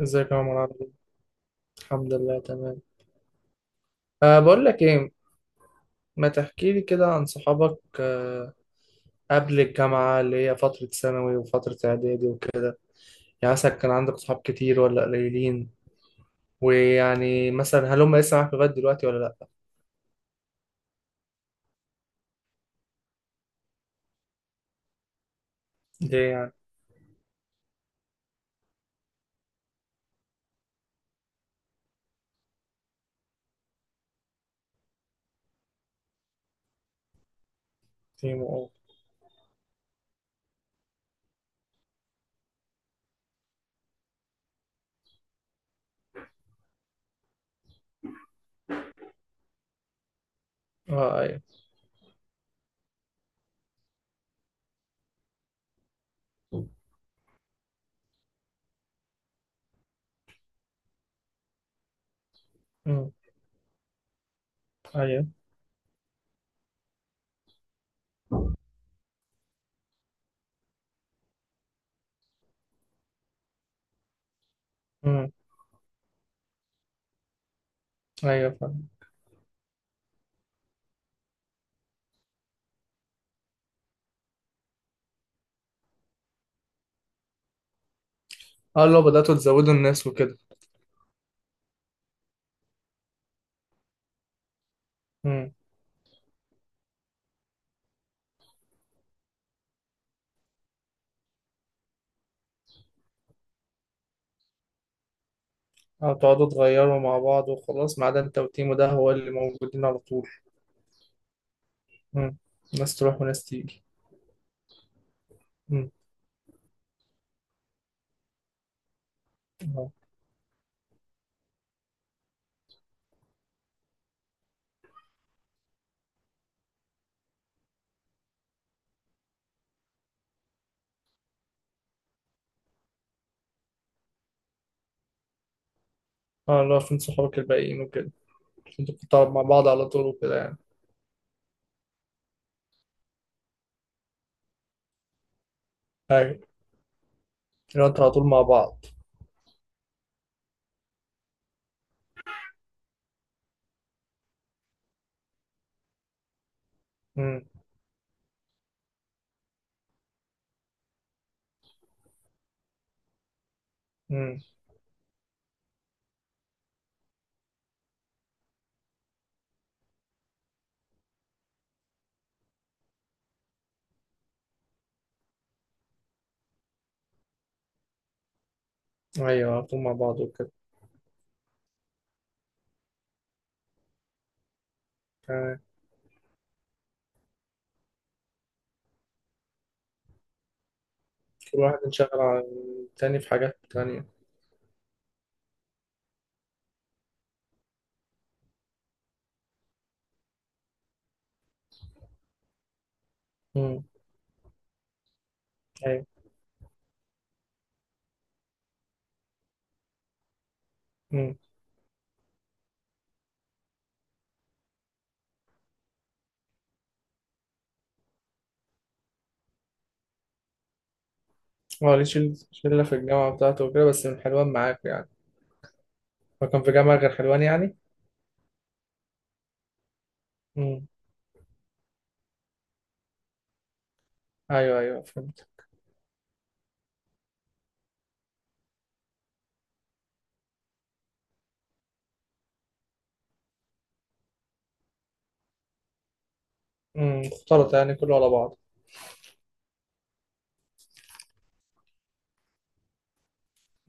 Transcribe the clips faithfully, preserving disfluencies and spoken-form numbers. ازيك يا عمر؟ عامل ايه؟ الحمد لله تمام. أه، بقول لك ايه، ما تحكي لي كده عن صحابك؟ آه، قبل الجامعة اللي هي فترة ثانوي وفترة اعدادي وكده، يعني مثلا كان عندك صحاب كتير ولا قليلين؟ ويعني مثلا هل هم لسه معاك لغاية دلوقتي ولا لا؟ ليه يعني؟ تيم او. اه ايوه. امم. ايوه. امم. ايوه، فاهم. اه، لو بدأتوا تزودوا الناس وكده. امم. او تقعدوا تغيروا مع بعض وخلاص، ما عدا انت وتيمو ده هو اللي موجودين على طول. امم، ناس تروح وناس تيجي. امم. اه، اللي هو فين صحابك الباقيين وكده. انتوا بتقعد مع بعض على طول وكده يعني. ايوه، لو انتوا على طول مع بعض. امم. امم. ايوه، على طول مع بعض وكده. تمام. كل واحد انشغل عن التاني في حاجات تانية. امم. ايوه. امم. اه، ليه شل- شلة في الجامعة بتاعته وكده، بس من حلوان معاك يعني؟ هو كان في جامعة غير حلوان يعني؟ امم. ايوه ايوه، فهمت. امم، اختلط يعني كله على بعض.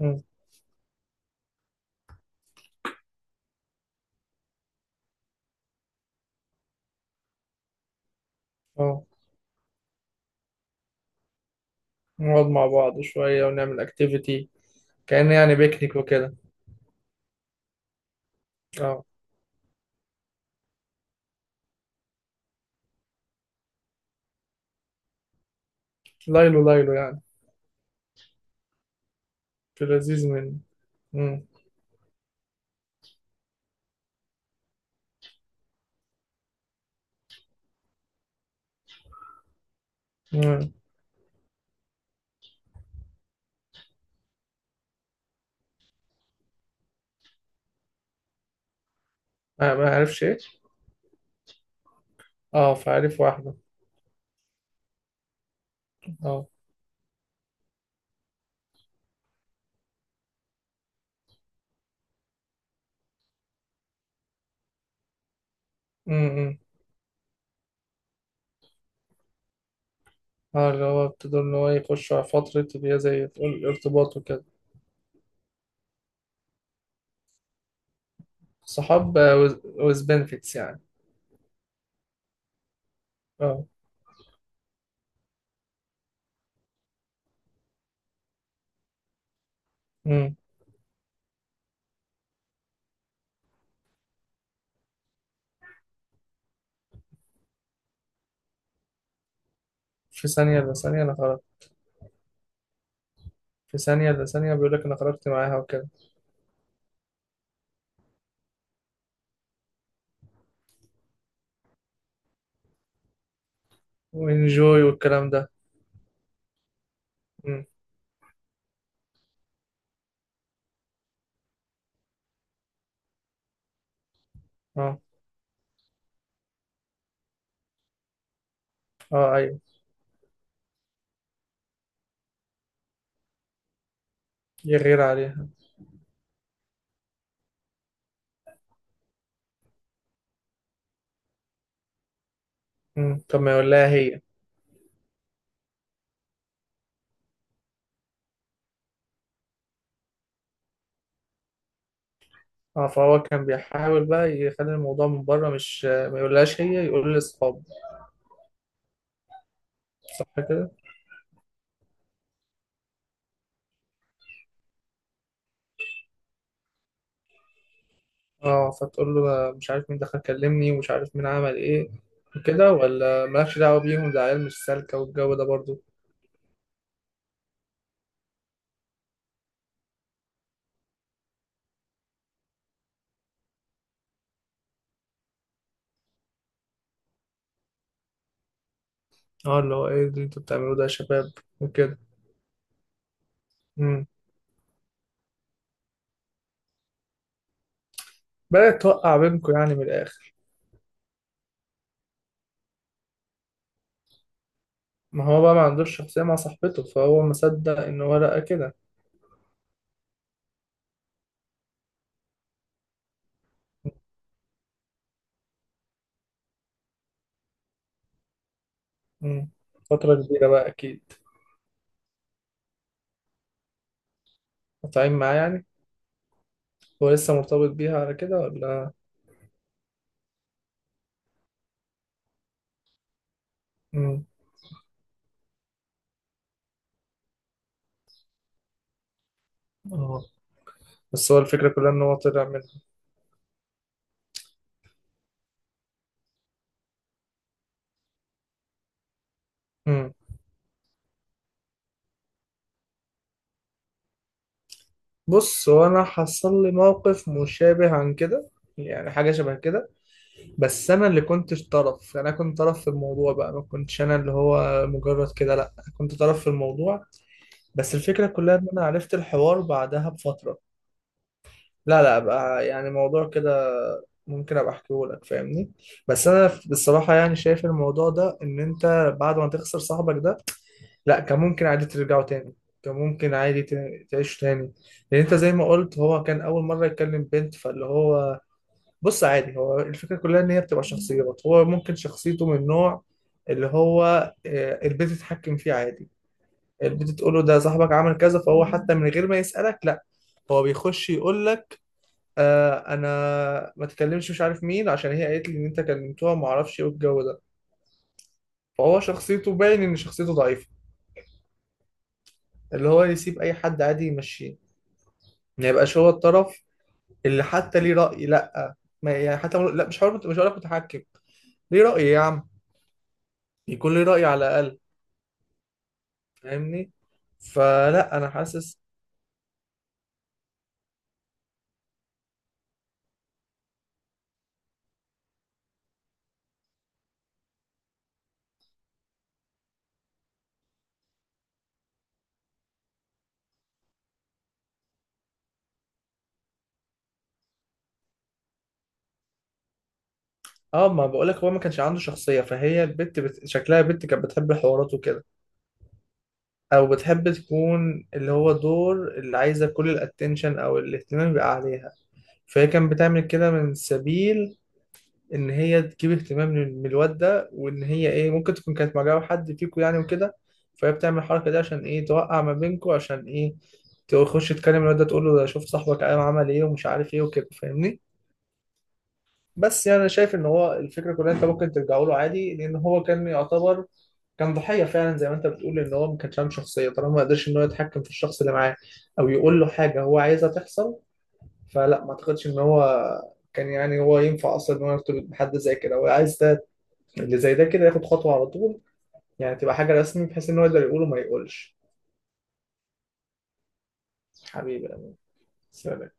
امم. اه، نقعد مع بعض شوية ونعمل اكتيفيتي. كأن يعني بيكنيك وكده. اه، ليلو ليلو يعني. في لذيذ منه. امم. امم. ما ما عارفش ايه؟ اه، فعارف واحدة. اه. امم. اه، اللي هو ابتدوا ان هو يخشوا على فترة اللي هي زي تقول ارتباط وكده. صحاب وز بنفيتس يعني. اه. امم. في ثانية الا ثانية انا خرجت. في ثانية الا ثانية بيقول لك انا خرجت معاها وكده. وانجوي والكلام ده. امم. اه. اه ايوه، يغير عليها. امم، طب ما يقول لها هي. اه، فهو كان بيحاول بقى يخلي الموضوع من بره، مش ما يقولهاش هي، يقول لاصحابه. صح كده. اه، فتقول له ده مش عارف مين دخل كلمني، ومش عارف مين عمل ايه وكده، ولا مالكش دعوة بيهم ده عيال مش سالكة والجو ده برضو. اه، اللي هو ايه اللي انتوا بتعملوه ده يا شباب وكده. امم. بدأت توقع بينكم يعني من الآخر. ما هو بقى ما عندوش شخصية مع صاحبته، فهو ما صدق إن هو لقى كده. امم، فترة كبيرة بقى أكيد. قاطعين معاه يعني. هو لسه مرتبط بيها على كده ولا؟ امم. اه. بس هو الفكرة كلها إن هو طلع منها. امم. بص، هو انا حصل لي موقف مشابه عن كده، يعني حاجه شبه كده. بس انا اللي كنت طرف، انا كنت طرف في الموضوع بقى، ما كنتش انا اللي هو مجرد كده، لا كنت طرف في الموضوع. بس الفكره كلها ان انا عرفت الحوار بعدها بفتره. لا لا، بقى يعني موضوع كده، ممكن ابقى احكيه لك، فاهمني. بس انا بصراحه يعني شايف الموضوع ده ان انت بعد ما تخسر صاحبك ده، لا كان ممكن عادي ترجعوا تاني، كان ممكن عادي ت- تعيشوا تاني. لان انت زي ما قلت، هو كان اول مره يكلم بنت، فاللي هو، بص عادي هو الفكره كلها ان هي بتبقى شخصيات. هو ممكن شخصيته من نوع اللي هو آه، البنت تتحكم فيه عادي. البنت تقول له ده صاحبك عمل كذا، فهو حتى من غير ما يسالك، لا هو بيخش يقول لك آه انا ما تكلمش مش عارف مين، عشان هي قالت لي ان انت كلمتوها، ما اعرفش ايه الجو ده. فهو شخصيته باين ان شخصيته ضعيفه، اللي هو يسيب اي حد عادي يمشيه، ما يبقاش هو الطرف اللي حتى ليه رأي. لا، ما يعني حتى لو- لا، مش هقول مش هقول لك متحكم، ليه رأي يا عم، يكون ليه رأي على الأقل، فاهمني. فلا انا حاسس. اه، ما بقولك هو ما كانش عنده شخصية، فهي البت بت... شكلها بنت كانت بتحب الحوارات وكده، او بتحب تكون اللي هو دور اللي عايزة كل الاتنشن، او الاهتمام يبقى عليها. فهي كانت بتعمل كده من سبيل ان هي تجيب اهتمام من من الواد ده، وان هي ايه ممكن تكون كانت معجبه حد فيكوا يعني وكده. فهي بتعمل الحركه دي عشان ايه توقع ما بينكوا، عشان ايه تخش تكلم الواد ده تقول له ده شوف صاحبك قام عمل ايه ومش عارف ايه وكده، فاهمني. بس يعني انا شايف ان هو الفكره كلها انت ممكن ترجعوا له عادي، لان هو كان يعتبر كان ضحيه فعلا زي ما انت بتقول، ان هو ما كانش عنده شخصيه طالما ما قدرش ان هو يتحكم في الشخص اللي معاه، او يقول له حاجه هو عايزها تحصل. فلا ما اعتقدش ان هو كان، يعني هو ينفع اصلا ان هو يرتبط بحد زي كده؟ هو عايز ده اللي زي ده، كده ياخد خطوة على طول، يعني تبقى حاجة رسمي بحيث إن هو يقدر يقول وما يقولش. حبيبي، سلام.